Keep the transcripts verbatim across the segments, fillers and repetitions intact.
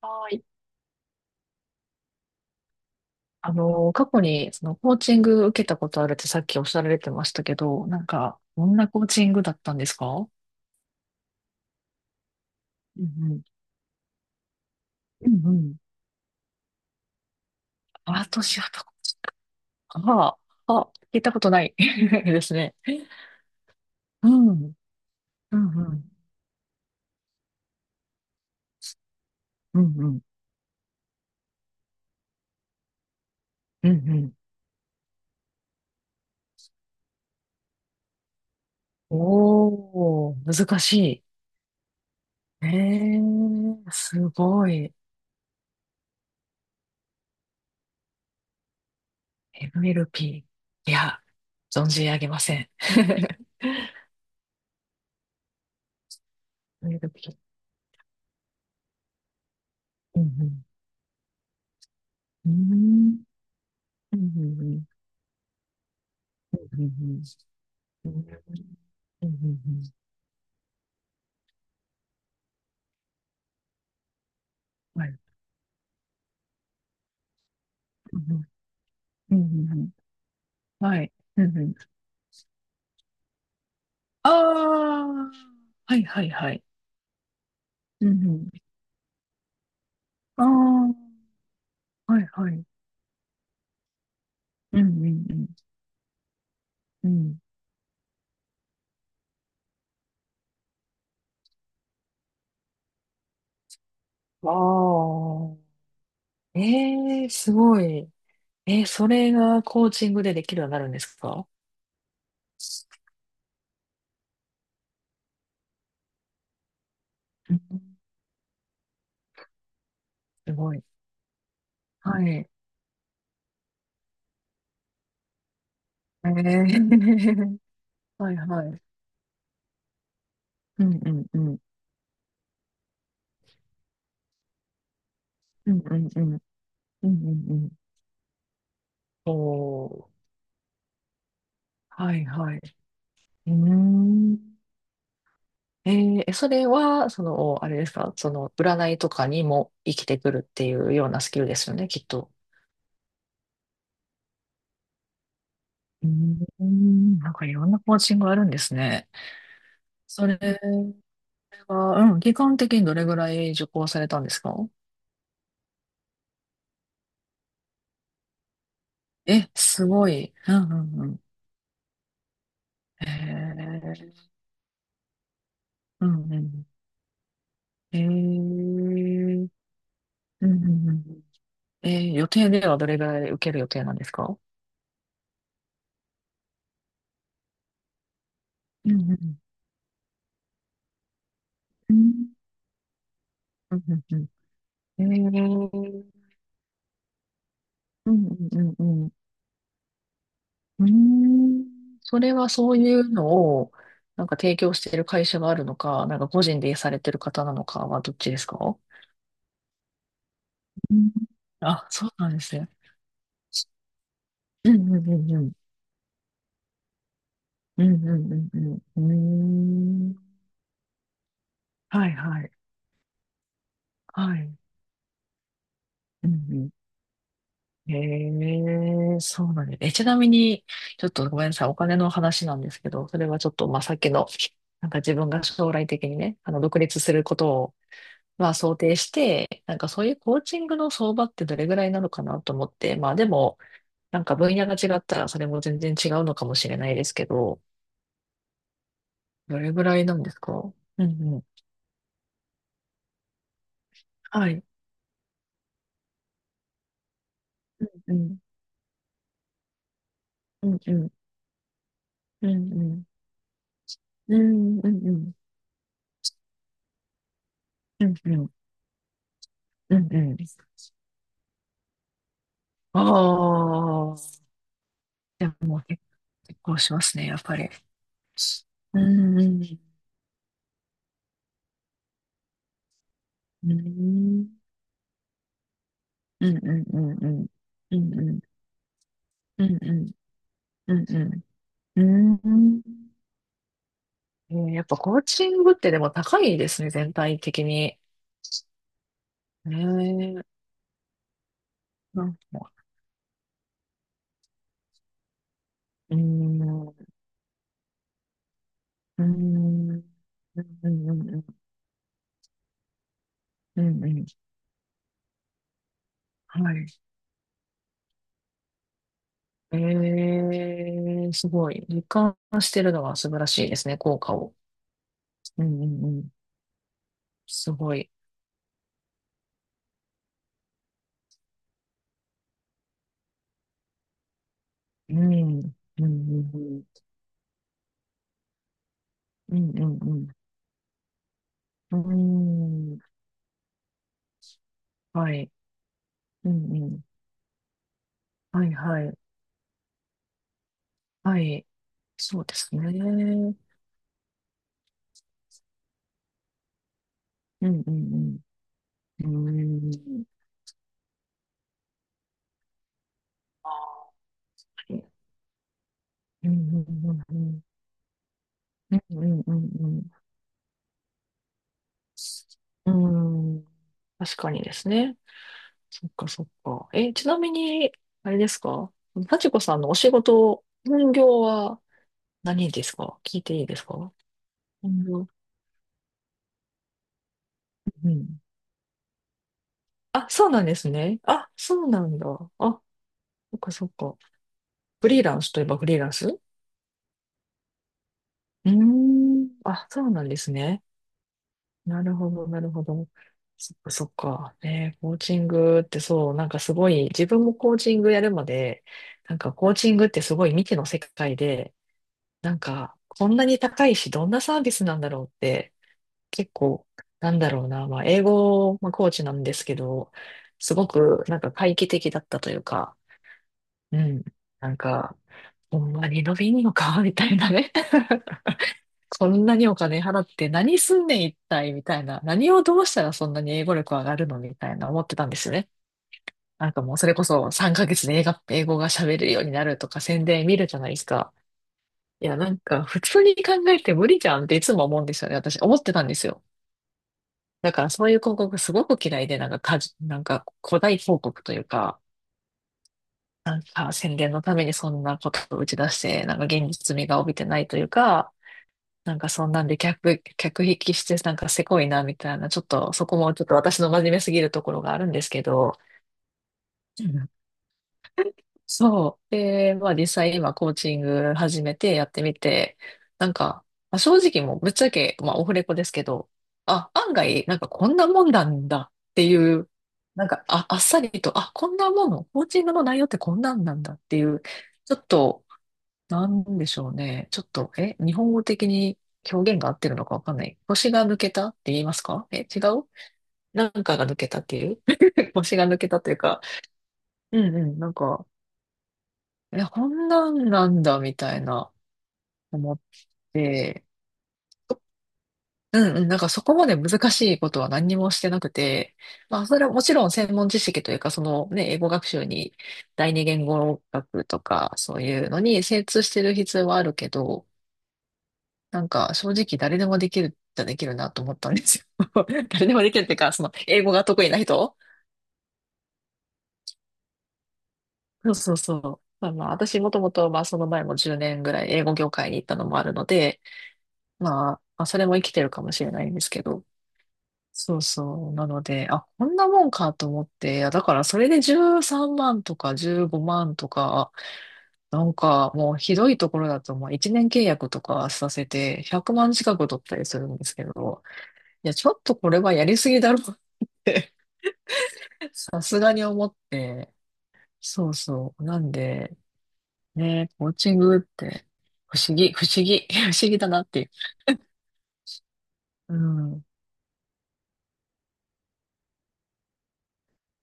はい。あの、過去にそのコーチング受けたことあるってさっきおっしゃられてましたけど、なんか、どんなコーチングだったんですか？うんうん。うんうん。私はとこ、ああ、あ、聞いたことない ですね。うん。うんうん。うんうん。うんうん。おー、難しい。ええー、すごい。エムエルピー。いや、存じ上げません。エムエルピー。うんうん。うーんうんうんうんうんうんうんうんうん、はい。うんうんうんうん、はい。うんうん。ああ、はいはいはい。うんうん。ああ、はいはい。うんうんうん。うん。ああ、ええ、すごい。えー、それがコーチングでできるようになるんですか？うん、すごい。はい。えー はいはい。うんうんうん。うんうんうん。うんうんうん。おー。はいはい。うーん。えー、え、それは、その、あれですか、その、占いとかにも生きてくるっていうようなスキルですよね、きっと。うーん、なんかいろんなコーチングあるんですね。それは、うん、期間的にどれぐらい受講されたんですか？え、すごい。うんうんうん。へえ、うんうん。えー、うんうんうん。えー、予定ではどれぐらい受ける予定なんですか？うんうんうん。うんうんうん。えー、うんうんうんうん。うーん。それはそういうのを、なんか提供している会社があるのか、なんか個人でされてる方なのかはどっちですか？うん、あ、そうなんですね。うんうんうんうん。うんうんうんうん。うーん。はいはい。はい。うんうん。へえ、そうなんです。え、ちなみに、ちょっとごめんなさい。お金の話なんですけど、それはちょっと、まあ、さっきの、なんか自分が将来的にね、あの、独立することをまあ想定して、なんかそういうコーチングの相場ってどれぐらいなのかなと思って、まあでも、なんか分野が違ったらそれも全然違うのかもしれないですけど、どれぐらいなんですか？うんうん。はい。うんうん。うんうん。うんうん。うんうんうん。うんうん。うんうん。ああ、でも結構しますね、やっぱり。うんうん。うんうんうんうんうん。うんうん。うんうん。うんうん。うん、ああ、でも結構しますね、やっぱり、うんうんうんうんうんうんうんうんうんうんうんうん。えー、やっぱコーチングってでも高いですね、全体的に。えー、なんか、うーん、うーん、うん、うん、うん、うん、うん、はい。えー、すごい。実感してるのは素晴らしいですね、効果を。うん、うん、うん。すごい。うん、うん、うん、うん、うん、うん、うんうん、はい。うん、うん。はい、はい、はい。そうですね。うん、うん、うん。うーん。うんうんうんうんうんうんうんうん、確かにですね。そっかそっか。え、ちなみに、あれですか、幸子さんのお仕事、本業は何ですか？聞いていいですか？本業。うん。あ、そうなんですね。あ、そうなんだ。あ、そっかそっか。フリーランスといえばフリーランス、うーん。あ、そうなんですね。なるほど、なるほど。そっか、そっか。ね、コーチングってそう、なんかすごい、自分もコーチングやるまで、なんかコーチングってすごい未知の世界で、なんか、こんなに高いし、どんなサービスなんだろうって、結構、なんだろうな、まあ、英語、まあ、コーチなんですけど、すごく、なんか、回帰的だったというか、うん、なんか、ほんまに伸びんのか、みたいなね。こんなにお金払って何すんねん一体みたいな。何をどうしたらそんなに英語力上がるのみたいな思ってたんですよね。なんかもうそれこそさんかげつで英語、英語が喋れるようになるとか宣伝見るじゃないですか。いや、なんか普通に考えて無理じゃんっていつも思うんですよね。私思ってたんですよ。だからそういう広告すごく嫌いで、なんかかじ、なんか誇大広告というか、なんか宣伝のためにそんなことを打ち出して、なんか現実味が帯びてないというか、なんかそんなんで客、客引きしてなんかせこいなみたいな、ちょっとそこもちょっと私の真面目すぎるところがあるんですけど、うん、そう。で、まあ実際今コーチング始めてやってみて、なんか、まあ、正直もうぶっちゃけ、まあオフレコですけど、あ、案外なんかこんなもんなんだっていう、なんか、あ、あっさりと、あ、こんなもの、コーチングの内容ってこんなんなんだっていう、ちょっとなんでしょうね。ちょっと、え、日本語的に表現が合ってるのかわかんない。腰が抜けたって言いますか、え、違う、なんかが抜けたっていう 腰が抜けたというか、うんうん、なんか、え、こんなんなんだ、みたいな、思って、うんうん、なんかそこまで難しいことは何にもしてなくて、まあ、それはもちろん専門知識というか、そのね、英語学習に、第二言語学とか、そういうのに精通してる必要はあるけど、なんか正直誰でもできるじゃできるなと思ったんですよ。誰でもできるっていうか、その英語が得意な人、そうそうそう。まあまあ、私もともと、まあその前もじゅうねんぐらい英語業界に行ったのもあるので、まあ、まあそれも生きてるかもしれないんですけど。そうそう。なので、あ、こんなもんかと思って、いやだからそれでじゅうさんまんとかじゅうごまんとか、なんかもうひどいところだと、まあいちねん契約とかさせてひゃくまん近く取ったりするんですけど、いや、ちょっとこれはやりすぎだろうって さすがに思って、そうそう。なんで、ね、コーチングって、不思議、不思議、不思議だなっていう。うん。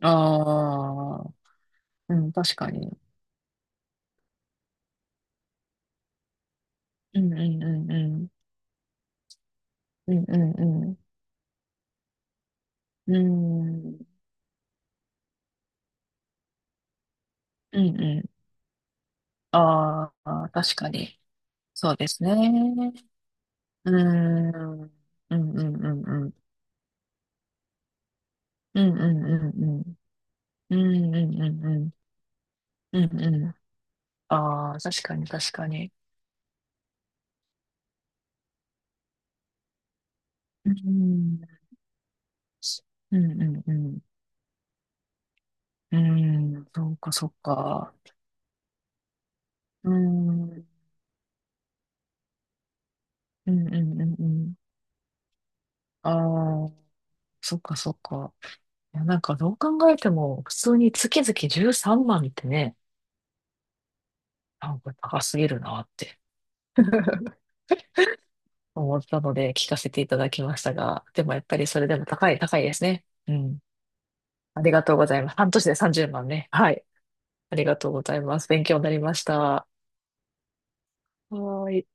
ああ、うん、確かに。うんうんうんうん。うんうんうん。うん。うんうん。ああ、確かに。そうですね。うーん。うんうんうんうん。うんうんうんうん。うんうんうんうん。うんうん。ああ、確かに確かに。うん。うんうんうん。うん、そうかそうか。うん。うんうんうんうん。ああ、そっかそっか。いや、なんかどう考えても、普通に月々13万ってね、なんか高すぎるなって 思ったので聞かせていただきましたが、でもやっぱりそれでも高い、高いですね。うん。ありがとうございます。半年でさんじゅうまんね。はい。ありがとうございます。勉強になりました。はーい。